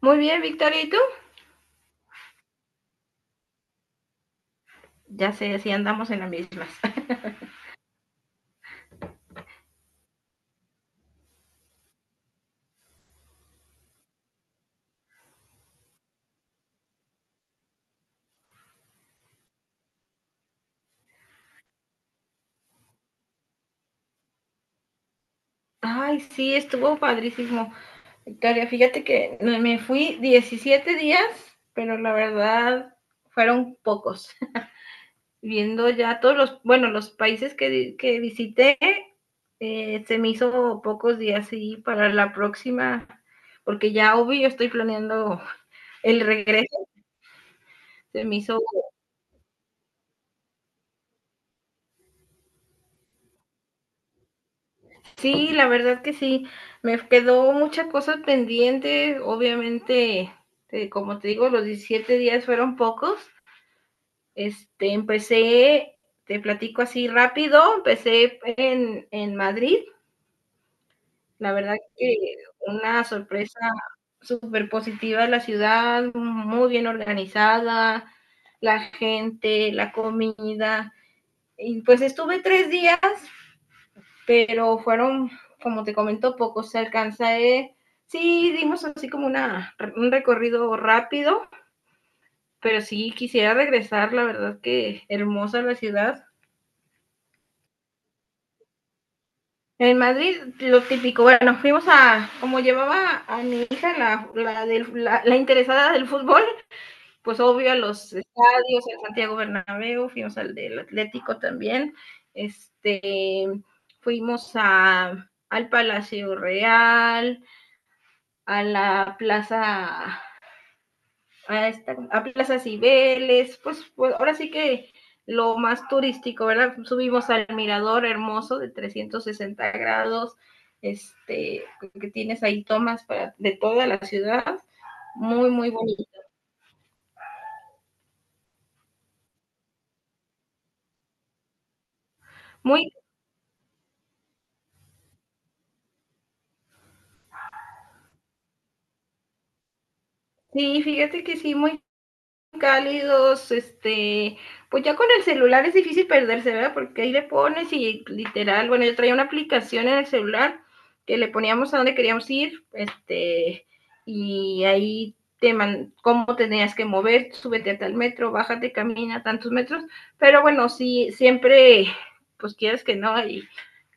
Muy bien, Victoria, ¿y tú? Ya sé, sí andamos en las mismas. Ay, sí, estuvo padrísimo. Victoria, fíjate que me fui 17 días, pero la verdad fueron pocos. Viendo ya todos los, bueno, los países que visité, se me hizo pocos días y para la próxima, porque ya obvio estoy planeando el regreso. Se me hizo Sí, la verdad que sí. Me quedó muchas cosas pendientes. Obviamente, como te digo, los 17 días fueron pocos. Empecé, te platico así rápido, empecé en Madrid. La verdad que una sorpresa súper positiva de la ciudad, muy bien organizada, la gente, la comida. Y pues estuve 3 días pero fueron, como te comento, pocos. Se alcanza, sí, dimos así como un recorrido rápido, pero sí quisiera regresar, la verdad que hermosa la ciudad. En Madrid, lo típico, bueno, fuimos a, como llevaba a mi hija, la interesada del fútbol, pues obvio a los estadios, el Santiago Bernabéu, fuimos al del Atlético también, este, fuimos al Palacio Real, a la plaza, a Plaza Cibeles, pues ahora sí que lo más turístico, ¿verdad? Subimos al mirador hermoso de 360 grados, este, que tienes ahí tomas de toda la ciudad, muy, muy bonito. muy, sí, fíjate que sí, muy cálidos. Pues ya con el celular es difícil perderse, ¿verdad? Porque ahí le pones y literal, bueno, yo traía una aplicación en el celular que le poníamos a dónde queríamos ir. Y ahí cómo tenías que mover, súbete a tal metro, bájate, camina tantos metros, pero bueno, sí, siempre, pues quieres que no, y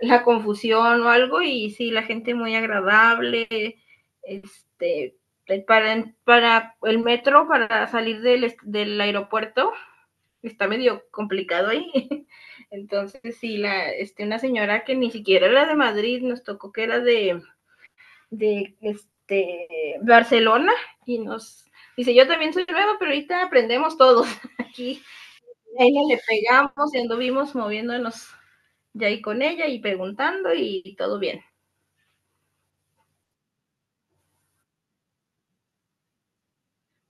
la confusión o algo y sí, la gente muy agradable. este, para el metro, para salir del aeropuerto, está medio complicado ahí. Entonces, sí, una señora que ni siquiera era de Madrid, nos tocó que era de Barcelona y nos dice, yo también soy nueva, pero ahorita aprendemos todos aquí ella le pegamos y anduvimos moviéndonos ya ahí con ella y preguntando y todo bien.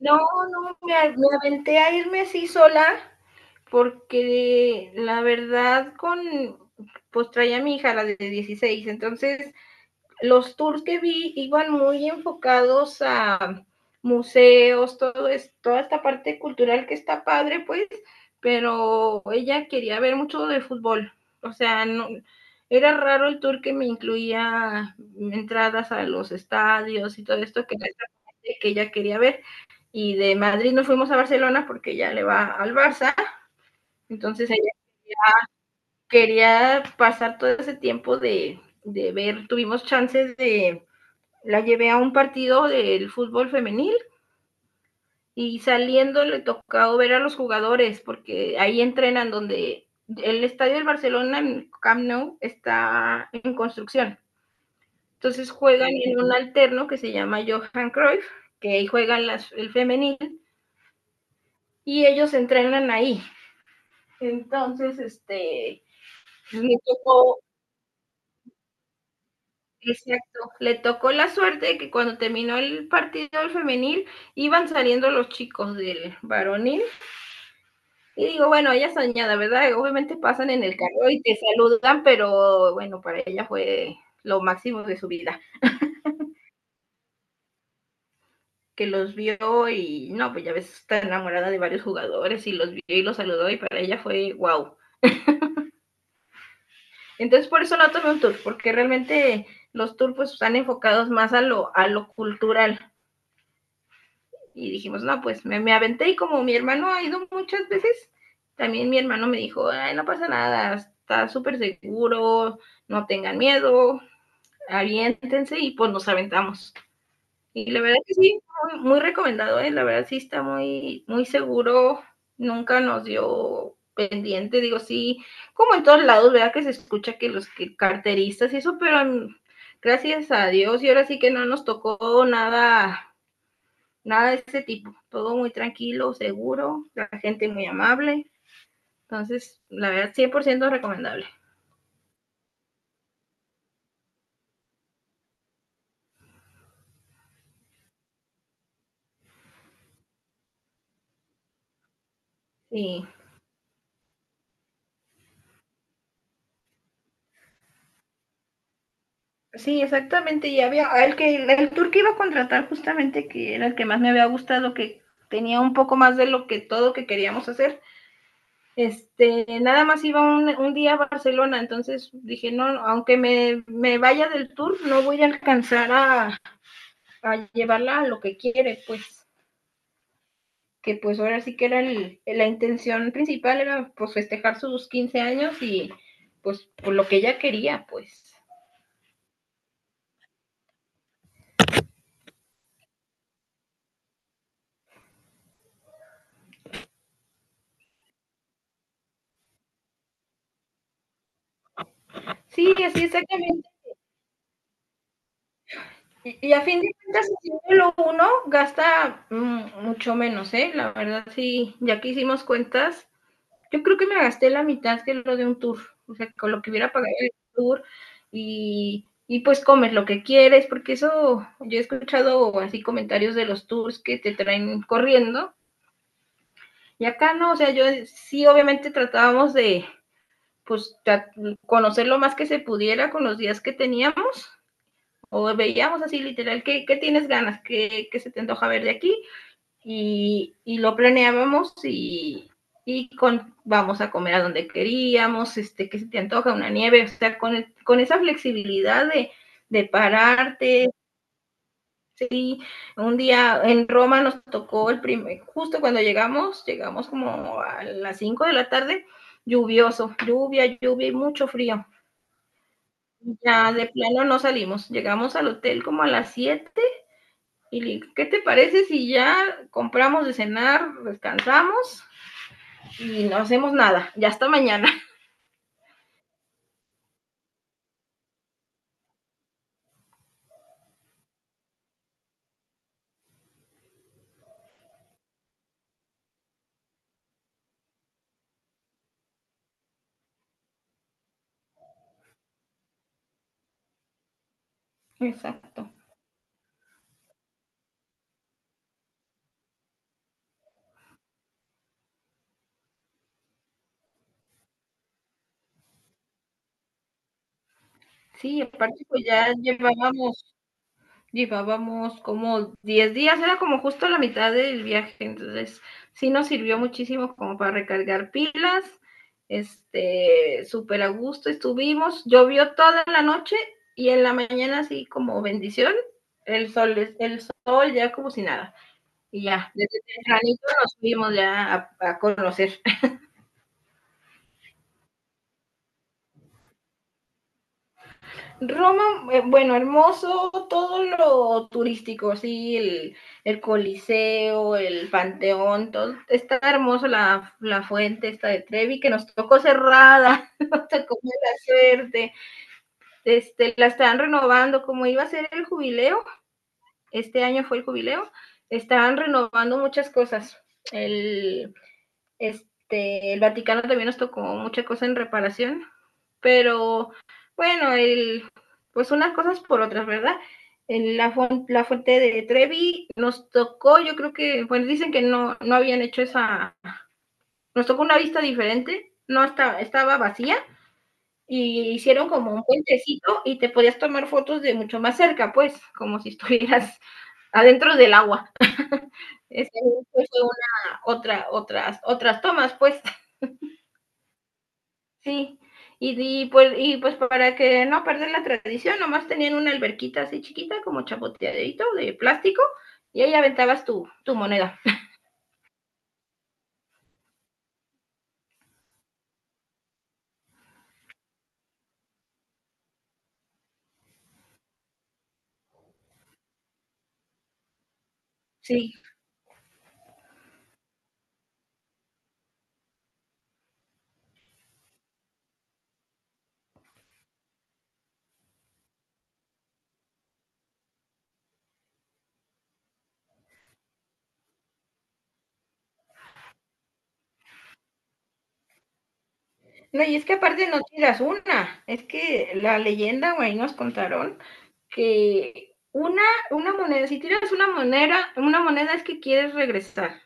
No, no, me aventé a irme así sola porque la verdad con, pues traía a mi hija, la de 16. Entonces los tours que vi iban muy enfocados a museos, toda esta parte cultural que está padre, pues, pero ella quería ver mucho de fútbol. O sea, no, era raro el tour que me incluía entradas a los estadios y todo esto que, era esta parte que ella quería ver. Y de Madrid nos fuimos a Barcelona porque ella le va al Barça. Entonces ella quería pasar todo ese tiempo de ver, tuvimos chances de la llevé a un partido del fútbol femenil y saliendo le tocó ver a los jugadores porque ahí entrenan donde el estadio del Barcelona en Camp Nou está en construcción. Entonces juegan en un alterno que se llama Johan Cruyff, que ahí juegan el femenil y ellos entrenan ahí. Entonces, me tocó, exacto, le tocó la suerte de que cuando terminó el partido del femenil iban saliendo los chicos del varonil. Y digo, bueno, ella soñada, ¿verdad? Obviamente pasan en el carro y te saludan, pero bueno, para ella fue lo máximo de su vida, que los vio. Y no, pues ya ves, está enamorada de varios jugadores y los vio y los saludó y para ella fue wow. Entonces por eso no tomé un tour, porque realmente los tours pues están enfocados más a lo cultural. Y dijimos, no, pues me aventé y como mi hermano ha ido muchas veces, también mi hermano me dijo, ay, no pasa nada, está súper seguro, no tengan miedo, aviéntense y pues nos aventamos. Y la verdad que sí, muy, muy recomendado, ¿eh? La verdad sí está muy, muy seguro, nunca nos dio pendiente, digo sí, como en todos lados, ¿verdad? Que se escucha que los que carteristas y eso, pero gracias a Dios y ahora sí que no nos tocó nada, nada de ese tipo, todo muy tranquilo, seguro, la gente muy amable, entonces la verdad 100% recomendable. Sí. Sí, exactamente. Y había el que el tour que iba a contratar justamente, que era el que más me había gustado, que tenía un poco más de lo que todo que queríamos hacer. Nada más iba un día a Barcelona, entonces dije, no, aunque me vaya del tour, no voy a alcanzar a, llevarla a lo que quiere, pues, que pues ahora sí que era el, la intención principal, era pues festejar sus 15 años y pues por lo que ella quería, pues. Sí, así exactamente. Y a fin de cuentas, haciéndolo uno, gasta mucho menos, ¿eh? La verdad, sí, ya que hicimos cuentas, yo creo que me gasté la mitad que lo de un tour, o sea, con lo que hubiera pagado el tour y pues comes lo que quieres, porque eso, yo he escuchado así comentarios de los tours que te traen corriendo y acá no, o sea, yo sí, obviamente tratábamos de, pues, conocer lo más que se pudiera con los días que teníamos o veíamos así literal, ¿qué tienes ganas? ¿Qué, ¿Qué, se te antoja ver de aquí? Y lo planeábamos vamos a comer a donde queríamos. ¿Qué se te antoja? Una nieve, o sea, con esa flexibilidad de pararte. Sí, un día en Roma nos tocó justo cuando llegamos como a las 5 de la tarde, lluvioso, lluvia, lluvia y mucho frío. Ya de plano no salimos, llegamos al hotel como a las 7. Y le digo, ¿qué te parece si ya compramos de cenar, descansamos y no hacemos nada? Ya hasta mañana. Exacto. Sí, aparte pues ya llevábamos, llevábamos como 10 días, era como justo la mitad del viaje, entonces sí nos sirvió muchísimo como para recargar pilas. Súper a gusto estuvimos, llovió toda la noche y en la mañana así como bendición, el sol ya como si nada. Y ya, desde tempranito nos fuimos ya a conocer. Roma, bueno, hermoso, todo lo turístico, sí, el Coliseo, el Panteón, todo, está hermoso la fuente esta de Trevi que nos tocó cerrada, nos tocó mala suerte. La están renovando, como iba a ser el jubileo, este año fue el jubileo, estaban renovando muchas cosas. El, el Vaticano también nos tocó mucha cosa en reparación, pero bueno, el, pues unas cosas por otras, ¿verdad? En la fuente de Trevi nos tocó, yo creo que, bueno, dicen que no, no habían hecho esa, nos tocó una vista diferente, no estaba, estaba vacía y hicieron como un puentecito y te podías tomar fotos de mucho más cerca, pues, como si estuvieras adentro del agua. Esa fue una, otra, otras tomas, pues. Sí, y pues para que no perder la tradición, nomás tenían una alberquita así chiquita, como chapoteadito de plástico, y ahí aventabas tu, tu moneda. Sí. No, y es que aparte no tiras una, es que la leyenda, güey, nos contaron que una moneda, si tiras una moneda es que quieres regresar,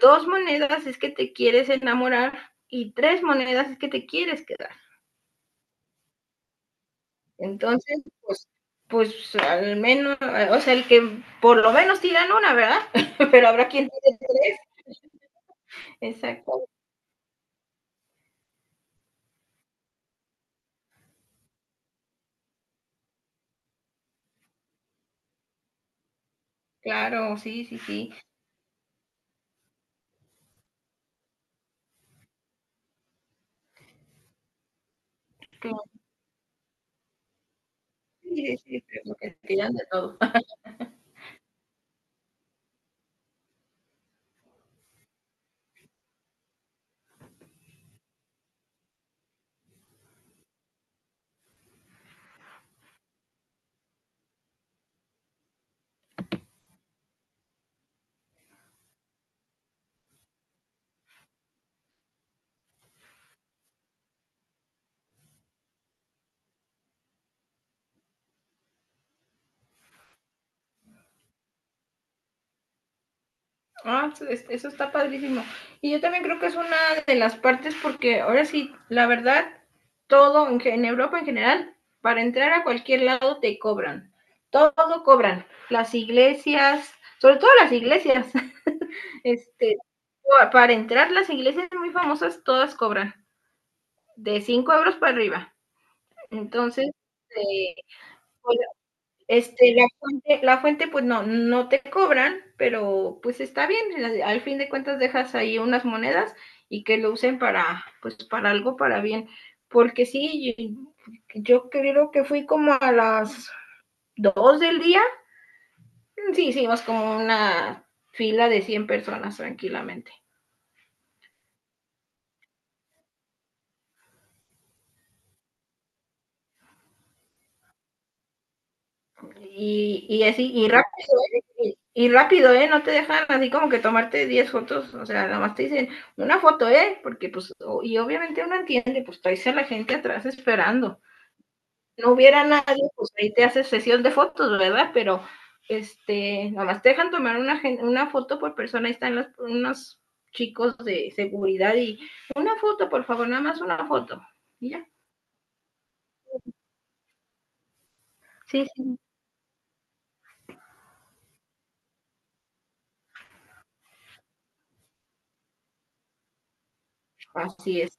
dos monedas es que te quieres enamorar y tres monedas es que te quieres quedar. Entonces, pues, pues al menos, o sea, el que por lo menos tiran una, ¿verdad? Pero habrá quien tire tres. Exacto, claro, sí, sí, sí. Claro, sí, sí, sí, pero que tiran de todo. Ah, eso está padrísimo. Y yo también creo que es una de las partes porque ahora sí, la verdad, todo en Europa en general, para entrar a cualquier lado te cobran. Todo cobran. Las iglesias, sobre todo las iglesias. Este, para entrar, las iglesias muy famosas todas cobran de 5 euros para arriba. Entonces, eh, la fuente, pues no, no te cobran, pero pues está bien. Al fin de cuentas dejas ahí unas monedas y que lo usen para, pues para algo, para bien. Porque sí, yo, yo creo que fui como a las 2 del día. Sí, hicimos como una fila de 100 personas tranquilamente. Y así, y rápido, ¿eh? Y rápido, ¿eh? No te dejan así como que tomarte 10 fotos, o sea, nada más te dicen una foto, ¿eh? Porque pues, y obviamente uno entiende, pues traes a la gente atrás esperando. No hubiera nadie, pues ahí te haces sesión de fotos, ¿verdad? Pero, nada más te dejan tomar una foto por persona, ahí están los, unos chicos de seguridad y una foto, por favor, nada más una foto. Y ya. Sí, sí. Así es.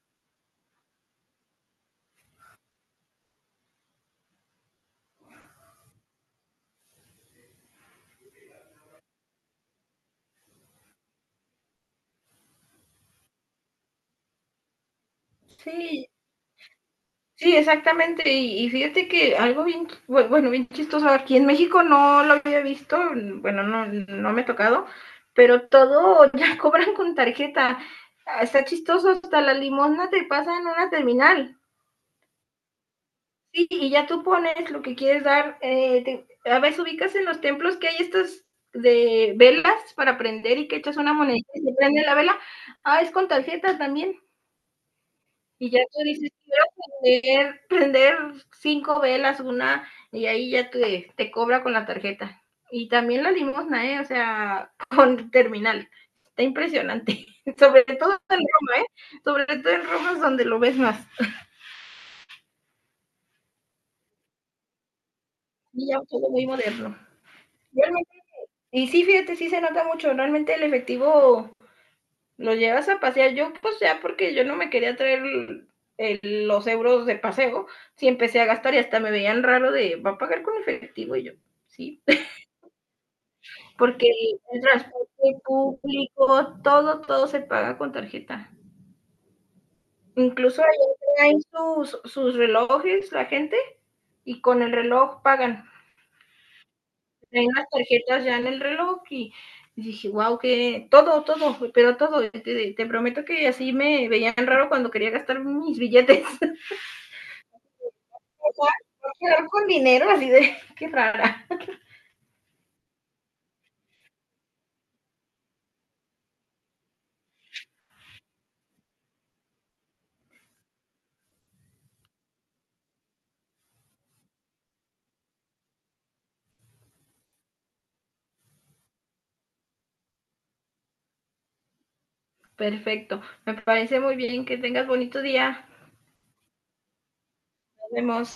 Sí, sí, exactamente. Y fíjate que algo bien, bueno, bien chistoso, aquí en México no lo había visto, bueno, no, no me ha tocado, pero todo ya cobran con tarjeta. Ah, está chistoso, hasta la limosna te pasa en una terminal. Sí, y ya tú pones lo que quieres dar. A veces ubicas en los templos que hay estas de velas para prender y que echas una monedita y se prende la vela. Ah, es con tarjeta también. Y ya tú dices, quiero prender 5 velas, una, y ahí ya te cobra con la tarjeta. Y también la limosna, ¿eh? O sea, con terminal. Está impresionante. Sobre todo en Roma, ¿eh? Sobre todo en Roma es donde lo ves más. Y ya todo muy moderno. Realmente, y sí, fíjate, sí se nota mucho. Realmente el efectivo lo llevas a pasear. Yo, pues ya, porque yo no me quería traer los euros de paseo, sí empecé a gastar y hasta me veían raro de, ¿va a pagar con efectivo? Y yo, sí, porque el transporte público, todo, todo se paga con tarjeta. Incluso ahí traen sus relojes la gente y con el reloj pagan. Traen las tarjetas ya en el reloj y dije, wow, que todo, todo, pero todo. Te prometo que así me veían raro cuando quería gastar mis billetes. O sea, quedar con dinero, así de qué rara. Perfecto. Me parece muy bien que tengas bonito día. Nos vemos.